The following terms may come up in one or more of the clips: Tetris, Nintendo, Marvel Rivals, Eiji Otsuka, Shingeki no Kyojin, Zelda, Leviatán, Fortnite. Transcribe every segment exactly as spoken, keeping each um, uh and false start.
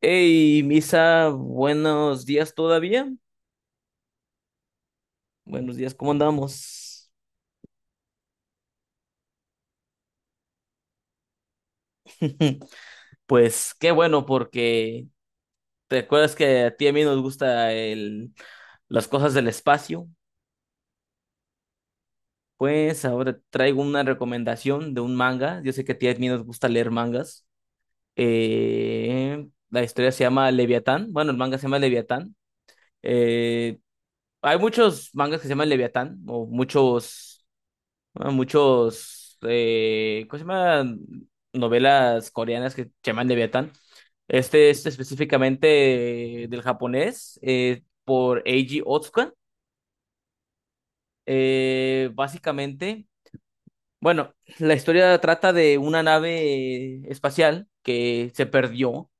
Hey, Misa, buenos días todavía. Buenos días, ¿cómo andamos? Pues qué bueno, porque te acuerdas que a ti y a mí nos gusta el, las cosas del espacio. Pues ahora traigo una recomendación de un manga. Yo sé que a ti y a mí nos gusta leer mangas. Eh, la historia se llama Leviatán. Bueno, el manga se llama Leviatán. Eh, Hay muchos mangas que se llaman Leviatán, o muchos. Ah, muchos, eh, ¿cómo se llama? Novelas coreanas que se llaman Leviatán. Este es específicamente eh, del japonés eh, por Eiji Otsuka. Eh, básicamente, bueno, la historia trata de una nave espacial que se perdió.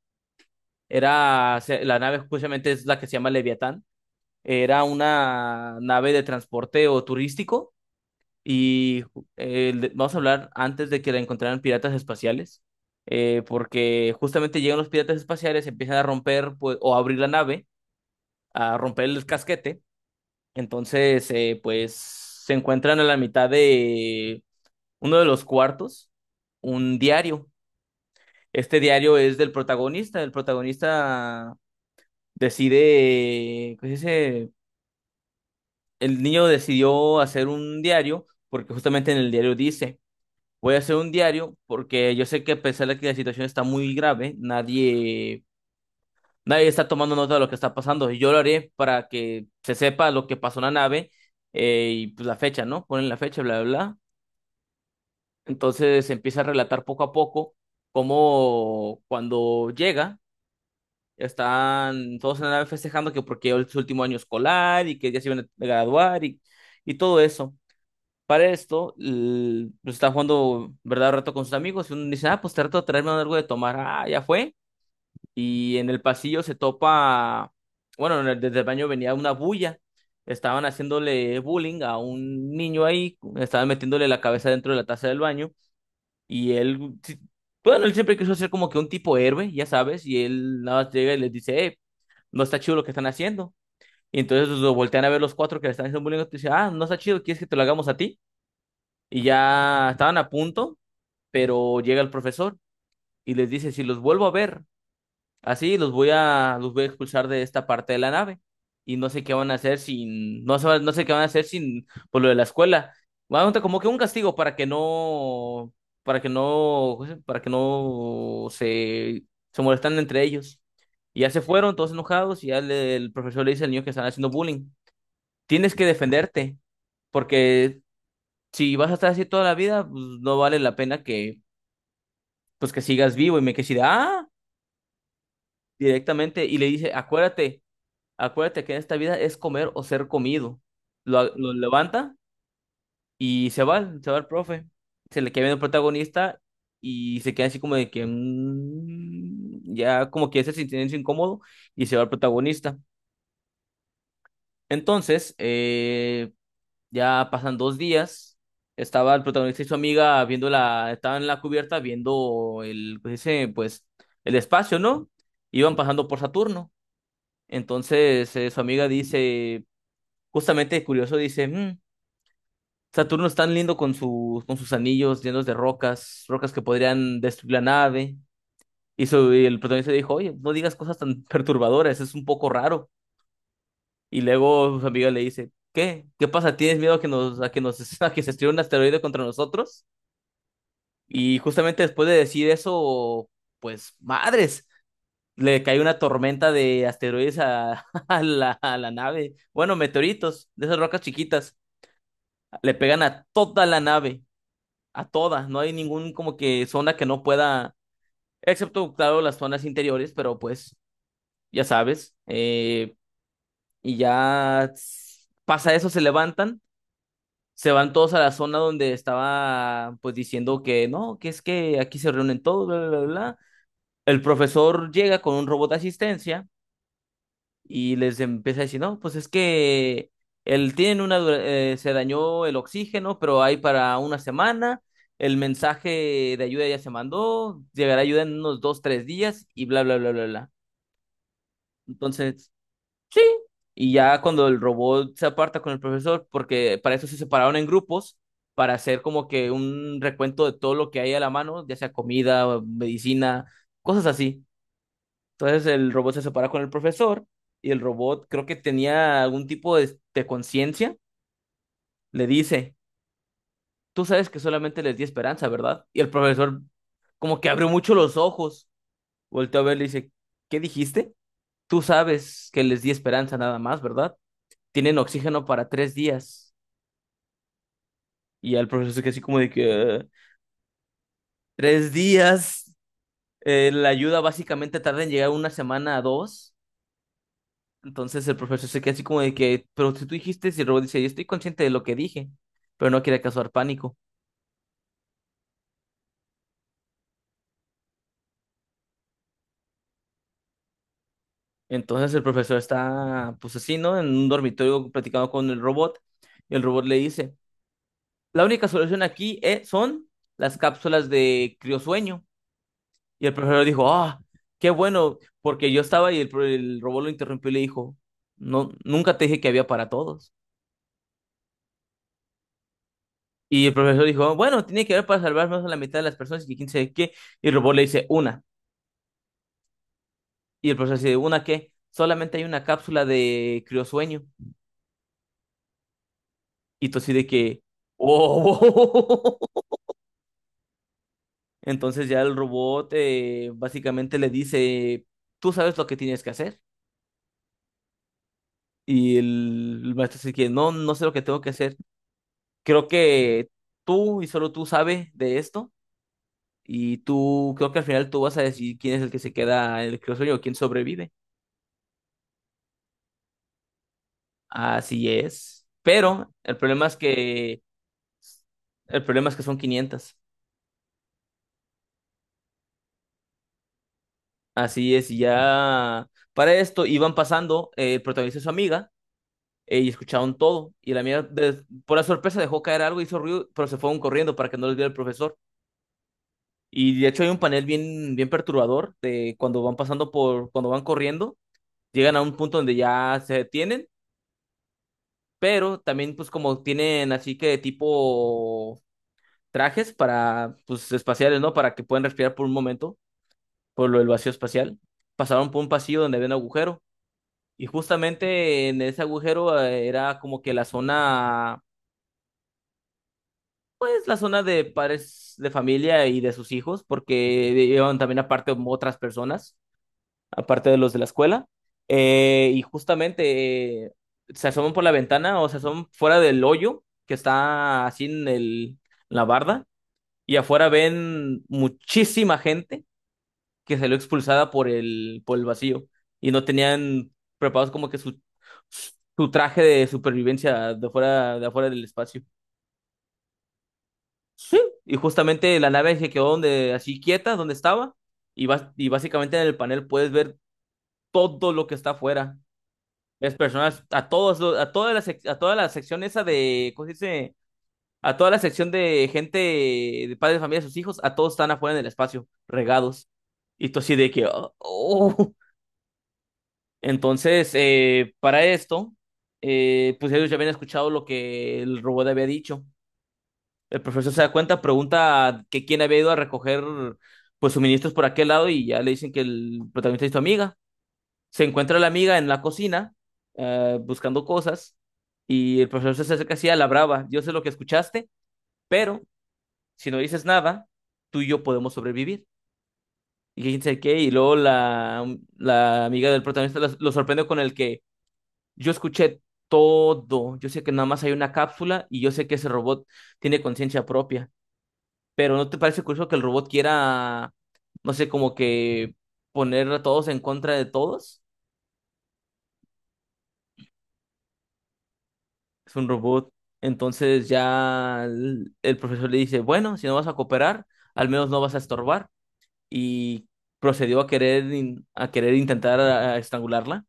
Era, se- la nave justamente es la que se llama Leviatán. Era una nave de transporte o turístico. Y eh, le- vamos a hablar antes de que la encontraran piratas espaciales, eh, porque justamente llegan los piratas espaciales, empiezan a romper pues, o a abrir la nave, a romper el casquete. Entonces, eh, pues se encuentran a la mitad de uno de los cuartos, un diario. Este diario es del protagonista. El protagonista decide, ¿qué se dice? El niño decidió hacer un diario porque justamente en el diario dice: voy a hacer un diario porque yo sé que, a pesar de que la situación está muy grave, nadie, nadie está tomando nota de lo que está pasando. Y yo lo haré para que se sepa lo que pasó en la nave, eh, y pues la fecha, ¿no? Ponen la fecha, bla, bla, bla. Entonces se empieza a relatar poco a poco cómo, cuando llega, están todos en la nave festejando, que porque es su último año escolar y que ya se iban a graduar y, y todo eso. Para esto, l- pues están jugando verdad o reto con sus amigos y uno dice, ah, pues trato de traerme algo de tomar. Ah, ya fue. Y en el pasillo se topa, bueno, en el- desde el baño venía una bulla. Estaban haciéndole bullying a un niño ahí, estaban metiéndole la cabeza dentro de la taza del baño y él, sí, bueno, él siempre quiso ser como que un tipo héroe, ya sabes, y él nada más llega y les dice, eh, no está chido lo que están haciendo. Y entonces pues lo voltean a ver los cuatro que le están haciendo bullying y dice, ah, no está chido, ¿quieres que te lo hagamos a ti? Y ya estaban a punto, pero llega el profesor y les dice, si los vuelvo a ver, así los voy a, los voy a expulsar de esta parte de la nave. Y no sé qué van a hacer sin, no sé, no sé qué van a hacer sin, por lo de la escuela. Van a montar como que un castigo para que no, para que no, para que no se, se molestan entre ellos. Y ya se fueron todos enojados y ya le- el profesor le dice al niño que están haciendo bullying: tienes que defenderte porque si vas a estar así toda la vida, pues no vale la pena que, pues que sigas vivo, y me quedé así de, ah, directamente, y le dice, acuérdate, acuérdate que en esta vida es comer o ser comido. Lo, lo levanta y se va, se va el profe. Se le queda viendo el protagonista y se queda así como de que, mm, ya como que ese silencio incómodo, y se va el protagonista. Entonces, eh, ya pasan dos días. Estaba el protagonista y su amiga viendo la, estaban en la cubierta viendo el, pues, ese, pues, el espacio, ¿no? Iban pasando por Saturno. Entonces, eh, su amiga dice, justamente curioso, dice, "Mm, Saturno es tan lindo con sus, con sus anillos llenos de rocas, rocas que podrían destruir la nave". Y, su, y el protagonista dijo, oye, no digas cosas tan perturbadoras, es un poco raro. Y luego su amiga le dice, ¿qué? ¿Qué pasa? ¿Tienes miedo a que nos, a que nos, a que se estrelle un asteroide contra nosotros? Y justamente después de decir eso, pues madres, le cae una tormenta de asteroides a, a la, a la nave. Bueno, meteoritos, de esas rocas chiquitas, le pegan a toda la nave, a todas. No hay ningún como que zona que no pueda, excepto, claro, las zonas interiores, pero pues ya sabes. Eh, y ya s- pasa eso, se levantan. Se van todos a la zona donde estaba, pues diciendo que no, que es que aquí se reúnen todos, bla, bla, bla, bla. El profesor llega con un robot de asistencia y les empieza a decir, no, pues es que él tiene una, dura- eh, se dañó el oxígeno, pero hay para una semana, el mensaje de ayuda ya se mandó, llegará ayuda en unos dos, tres días y bla, bla, bla, bla, bla. Entonces, sí, y ya cuando el robot se aparta con el profesor, porque para eso se separaron en grupos, para hacer como que un recuento de todo lo que hay a la mano, ya sea comida, medicina, cosas así. Entonces el robot se separa con el profesor, y el robot creo que tenía algún tipo de, de conciencia. Le dice, tú sabes que solamente les di esperanza, ¿verdad? Y el profesor como que abrió mucho los ojos, volteó a ver y le dice, ¿qué dijiste? Tú sabes que les di esperanza nada más, ¿verdad? Tienen oxígeno para tres días. Y al profesor se quedó así como de que, "Eh, tres días". Eh, la ayuda básicamente tarda en llegar una semana a dos. Entonces el profesor se queda así como de que, pero si tú dijiste, y el robot dice, yo estoy consciente de lo que dije, pero no quiere causar pánico. Entonces el profesor está, pues así, ¿no?, en un dormitorio platicando con el robot, y el robot le dice, la única solución aquí es- son las cápsulas de criosueño. Y el profesor dijo, ah, qué bueno, porque yo estaba, y el, pro- el robot lo interrumpió y le dijo, no, nunca te dije que había para todos. Y el profesor dijo, bueno, tiene que haber para salvar más a la mitad de las personas y quién sabe qué. Y el robot le dice, una. Y el profesor así de ¿una qué? Solamente hay una cápsula de criosueño. Y tú así de que, ¡oh! Entonces ya el robot eh, básicamente le dice, tú sabes lo que tienes que hacer. Y el, el maestro dice que no, no sé lo que tengo que hacer. Creo que tú y solo tú sabes de esto. Y tú, creo que al final tú vas a decir quién es el que se queda en el criosueño o quién sobrevive. Así es. Pero el problema es que, el problema es que son quinientas. Así es, y ya, para esto, iban pasando eh, el protagonista y su amiga eh, y escucharon todo. Y la amiga, de- por la sorpresa, dejó caer algo, hizo ruido, pero se fueron corriendo para que no les viera el profesor. Y de hecho hay un panel bien, bien perturbador de cuando van pasando por, cuando van corriendo, llegan a un punto donde ya se detienen, pero también pues como tienen así que tipo trajes para, pues, espaciales, ¿no? Para que puedan respirar por un momento, por lo del vacío espacial. Pasaron por un pasillo donde había un agujero. Y justamente en ese agujero, eh, era como que la zona, es la zona de padres de familia y de sus hijos, porque iban también aparte otras personas, aparte de los de la escuela. Eh, y justamente eh, se asoman por la ventana, o se asoman fuera del hoyo que está así en el, en la barda, y afuera ven muchísima gente que salió expulsada por el, por el vacío, y no tenían preparados como que su, su traje de supervivencia de fuera, de afuera del espacio. Sí. Y justamente la nave se quedó donde, así quieta, donde estaba, y, bas- y básicamente en el panel puedes ver todo lo que está afuera. Las personas, a todos, los- a toda la, sec- a toda la sección esa de, ¿cómo se dice? A toda la sección de gente, de padres de familia, sus hijos, a todos están afuera en el espacio, regados. Y tú así de que, "oh, oh". Entonces, eh, para esto, eh, pues ellos ya habían escuchado lo que el robot había dicho. El profesor se da cuenta, pregunta que quién había ido a recoger pues suministros por aquel lado, y ya le dicen que el protagonista es tu amiga. Se encuentra la amiga en la cocina eh, buscando cosas, y el profesor se acerca así a la brava. Yo sé lo que escuchaste, pero si no dices nada, tú y yo podemos sobrevivir. Y quién sabe qué, y luego la, la amiga del protagonista lo, lo sorprende con el que: yo escuché todo. Yo sé que nada más hay una cápsula y yo sé que ese robot tiene conciencia propia. Pero ¿no te parece curioso que el robot quiera, no sé, como que poner a todos en contra de todos? Es un robot. Entonces ya el, el profesor le dice, bueno, si no vas a cooperar, al menos no vas a estorbar. Y procedió a querer, in- a querer intentar a- a estrangularla.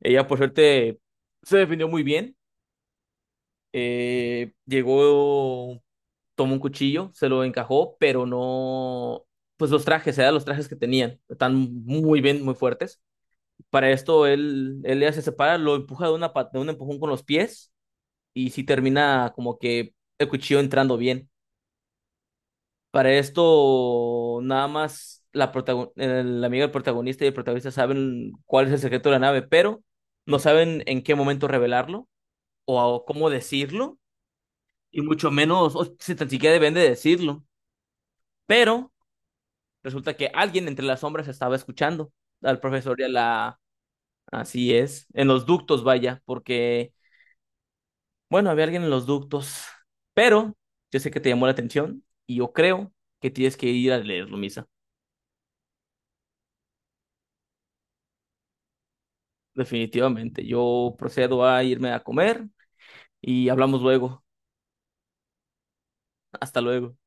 Ella, por suerte, se defendió muy bien. Eh, llegó, tomó un cuchillo, se lo encajó, pero no, pues los trajes, eran los trajes que tenían, están muy bien, muy fuertes. Para esto él, él ya se separa, lo empuja de una pa- de un empujón con los pies, y sí termina como que el cuchillo entrando bien. Para esto nada más la protago- el amigo del protagonista y el protagonista saben cuál es el secreto de la nave, pero no saben en qué momento revelarlo o a- cómo decirlo, y mucho menos, o si tan siquiera deben de decirlo. Pero resulta que alguien entre las sombras estaba escuchando al profesor y a la... Así es, en los ductos, vaya, porque, bueno, había alguien en los ductos, pero yo sé que te llamó la atención y yo creo que tienes que ir a leerlo, Misa. Definitivamente, yo procedo a irme a comer y hablamos luego. Hasta luego.